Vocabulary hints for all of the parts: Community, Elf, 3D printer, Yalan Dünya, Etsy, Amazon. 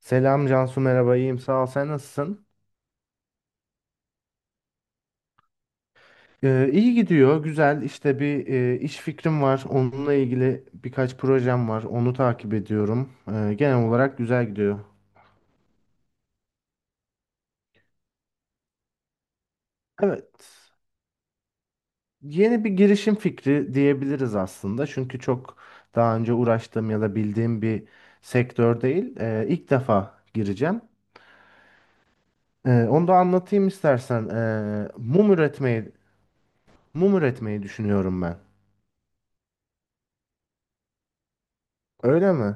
Selam Cansu, merhaba, iyiyim sağ ol, sen nasılsın? İyi gidiyor, güzel işte, bir iş fikrim var, onunla ilgili birkaç projem var, onu takip ediyorum. Genel olarak güzel gidiyor. Evet, yeni bir girişim fikri diyebiliriz aslında, çünkü çok daha önce uğraştığım ya da bildiğim bir sektör değil. İlk defa gireceğim. Onu da anlatayım istersen. Mum üretmeyi düşünüyorum ben. Öyle mi?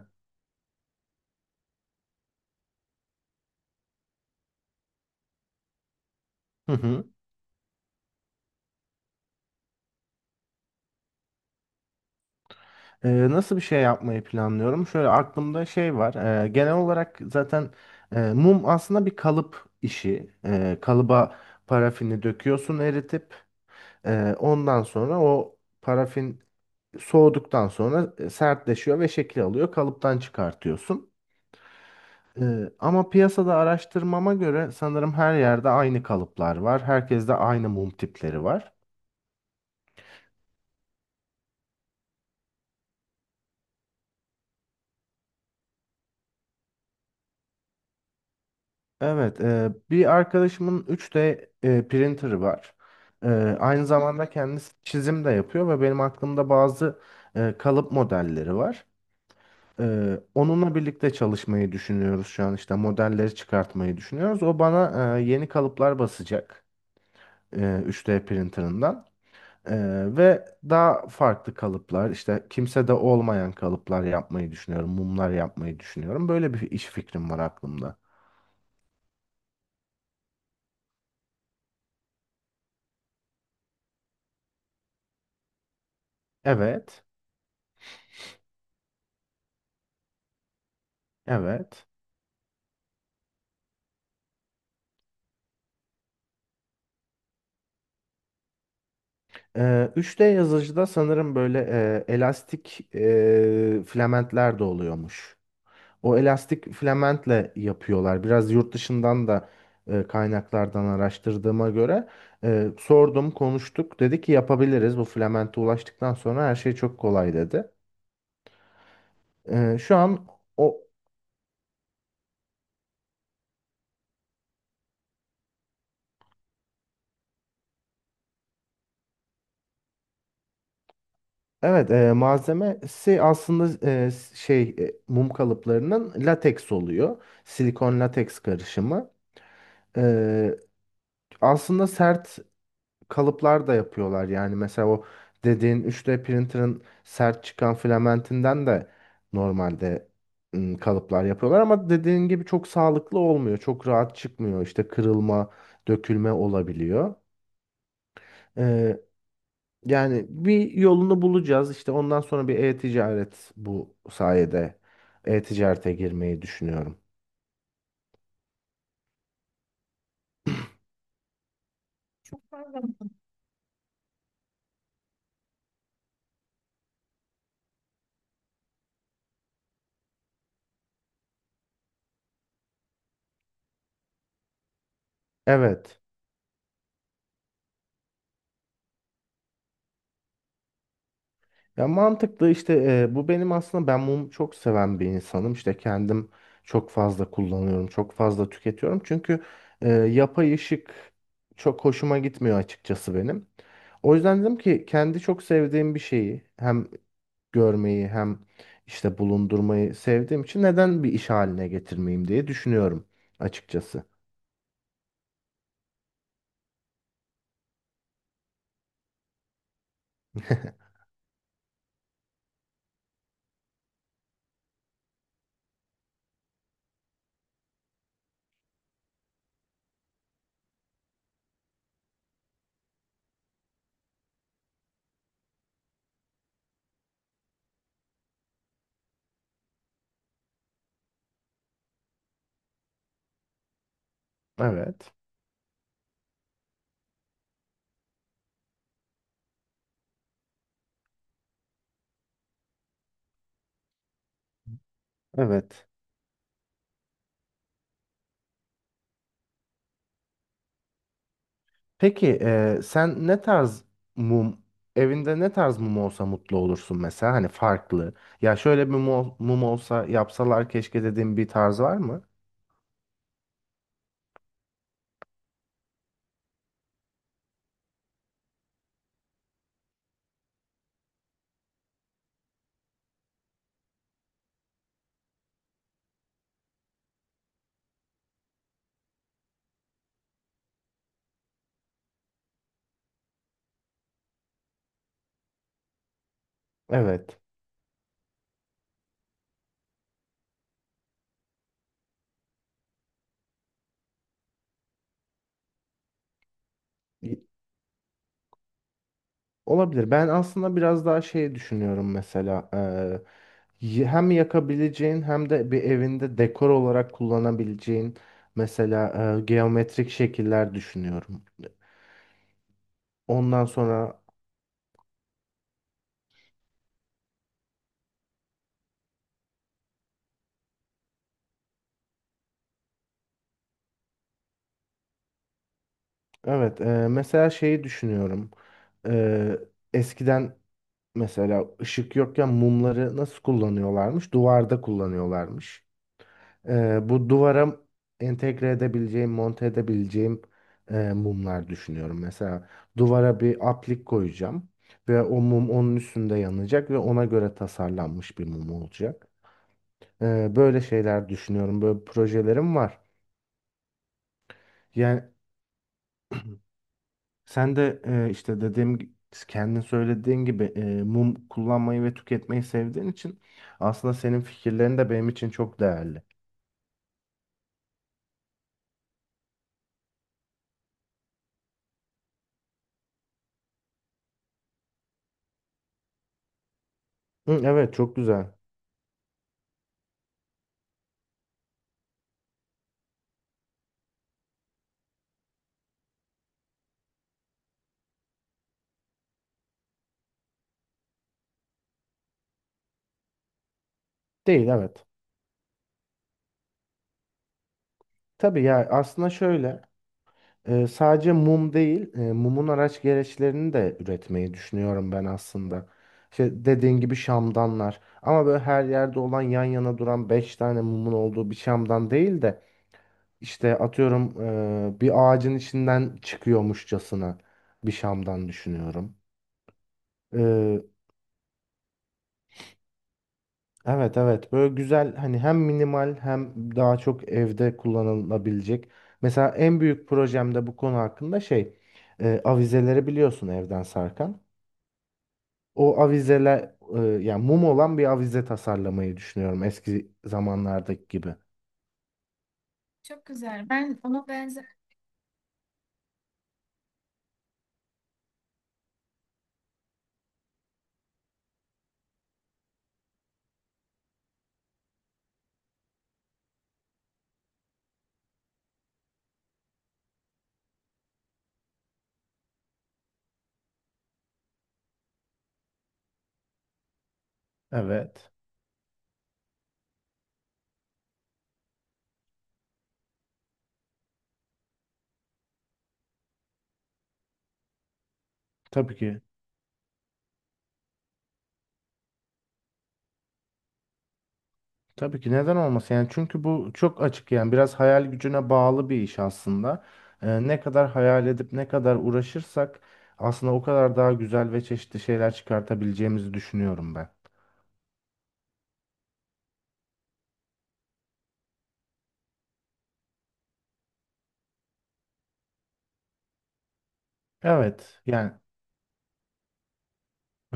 Nasıl bir şey yapmayı planlıyorum? Şöyle aklımda şey var. Genel olarak zaten mum aslında bir kalıp işi. Kalıba parafini döküyorsun eritip, ondan sonra o parafin soğuduktan sonra sertleşiyor ve şekil alıyor. Kalıptan çıkartıyorsun. Ama piyasada araştırmama göre sanırım her yerde aynı kalıplar var. Herkeste aynı mum tipleri var. Evet, bir arkadaşımın üç d printer'ı var. E, Aynı zamanda kendisi çizim de yapıyor ve benim aklımda bazı kalıp modelleri var. Onunla birlikte çalışmayı düşünüyoruz, şu an işte modelleri çıkartmayı düşünüyoruz. O bana yeni kalıplar basacak e, 3D printer'ından. E, Ve daha farklı kalıplar, işte kimsede olmayan kalıplar yapmayı düşünüyorum, mumlar yapmayı düşünüyorum. Böyle bir iş fikrim var aklımda. Evet, evet. 3D yazıcıda sanırım böyle elastik filamentler de oluyormuş. O elastik filamentle yapıyorlar. Biraz yurt dışından da kaynaklardan araştırdığıma göre sordum, konuştuk. Dedi ki yapabiliriz. Bu filamente ulaştıktan sonra her şey çok kolay, dedi. Şu an o, evet, malzemesi aslında şey, mum kalıplarının lateks oluyor. Silikon lateks karışımı. E, Aslında sert kalıplar da yapıyorlar. Yani mesela o dediğin üç d printer'ın sert çıkan filamentinden de normalde kalıplar yapıyorlar, ama dediğin gibi çok sağlıklı olmuyor. Çok rahat çıkmıyor. İşte kırılma, dökülme olabiliyor. Ee, Yani bir yolunu bulacağız. İşte ondan sonra bir e-ticaret, bu sayede e-ticarete girmeyi düşünüyorum. Evet. Ya mantıklı işte, bu benim aslında, ben mumu çok seven bir insanım. İşte kendim çok fazla kullanıyorum, çok fazla tüketiyorum. Çünkü yapay ışık çok hoşuma gitmiyor açıkçası benim. O yüzden dedim ki, kendi çok sevdiğim bir şeyi hem görmeyi hem işte bulundurmayı sevdiğim için neden bir iş haline getirmeyeyim diye düşünüyorum açıkçası. Evet. Evet. Peki sen ne tarz mum, evinde ne tarz mum olsa mutlu olursun mesela, hani farklı. Ya şöyle bir mum olsa yapsalar keşke dediğin bir tarz var mı? Evet. Y- Olabilir. Ben aslında biraz daha şey düşünüyorum, mesela hem yakabileceğin hem de bir evinde dekor olarak kullanabileceğin, mesela geometrik şekiller düşünüyorum. Ondan sonra, evet, mesela şeyi düşünüyorum. Eee eskiden, mesela ışık yokken mumları nasıl kullanıyorlarmış? Duvarda kullanıyorlarmış. Bu duvara entegre edebileceğim, monte edebileceğim mumlar düşünüyorum. Mesela duvara bir aplik koyacağım ve o mum onun üstünde yanacak ve ona göre tasarlanmış bir mum olacak. Böyle şeyler düşünüyorum. Böyle projelerim var. Yani sen de, işte dediğim, kendin söylediğin gibi mum kullanmayı ve tüketmeyi sevdiğin için aslında senin fikirlerin de benim için çok değerli. Hı, evet, çok güzel. Değil, evet. Tabii ya, aslında şöyle, sadece mum değil, mumun araç gereçlerini de üretmeyi düşünüyorum ben aslında. İşte dediğin gibi şamdanlar, ama böyle her yerde olan, yan yana duran 5 tane mumun olduğu bir şamdan değil de, İşte atıyorum, bir ağacın içinden çıkıyormuşçasına bir Şam'dan düşünüyorum. E, evet, evet, böyle güzel, hani hem minimal hem daha çok evde kullanılabilecek. Mesela en büyük projemde bu konu hakkında şey, avizeleri biliyorsun, evden sarkan. O avizeler, yani mum olan bir avize tasarlamayı düşünüyorum eski zamanlardaki gibi. Çok güzel. Ben ona benzer. Evet. Tabii ki. Tabii ki, neden olmasın yani, çünkü bu çok açık, yani biraz hayal gücüne bağlı bir iş aslında. Ne kadar hayal edip ne kadar uğraşırsak aslında o kadar daha güzel ve çeşitli şeyler çıkartabileceğimizi düşünüyorum ben. Evet yani,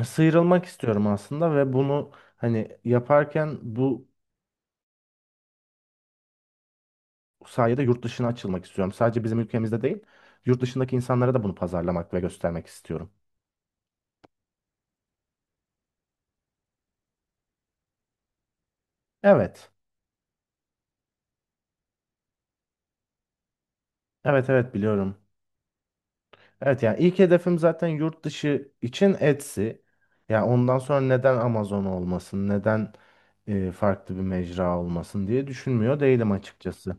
sıyrılmak istiyorum aslında ve bunu hani yaparken bu sayede yurt dışına açılmak istiyorum. Sadece bizim ülkemizde değil, yurt dışındaki insanlara da bunu pazarlamak ve göstermek istiyorum. Evet, evet, evet, biliyorum. Evet yani, ilk hedefim zaten yurt dışı için Etsy. Yani ondan sonra neden Amazon olmasın, neden farklı bir mecra olmasın diye düşünmüyor değilim açıkçası.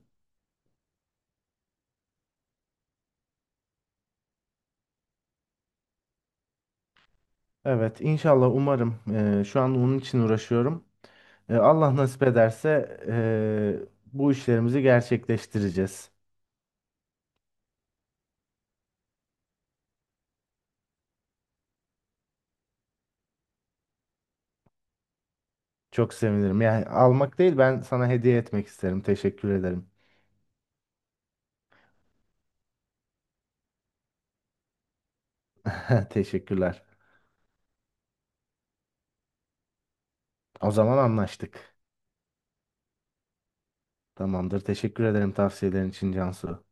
Evet, inşallah, umarım şu an onun için uğraşıyorum. Allah nasip ederse bu işlerimizi gerçekleştireceğiz. Çok sevinirim. Yani almak değil, ben sana hediye etmek isterim. Teşekkür ederim. Teşekkürler. O zaman anlaştık. Tamamdır. Teşekkür ederim tavsiyelerin için Cansu.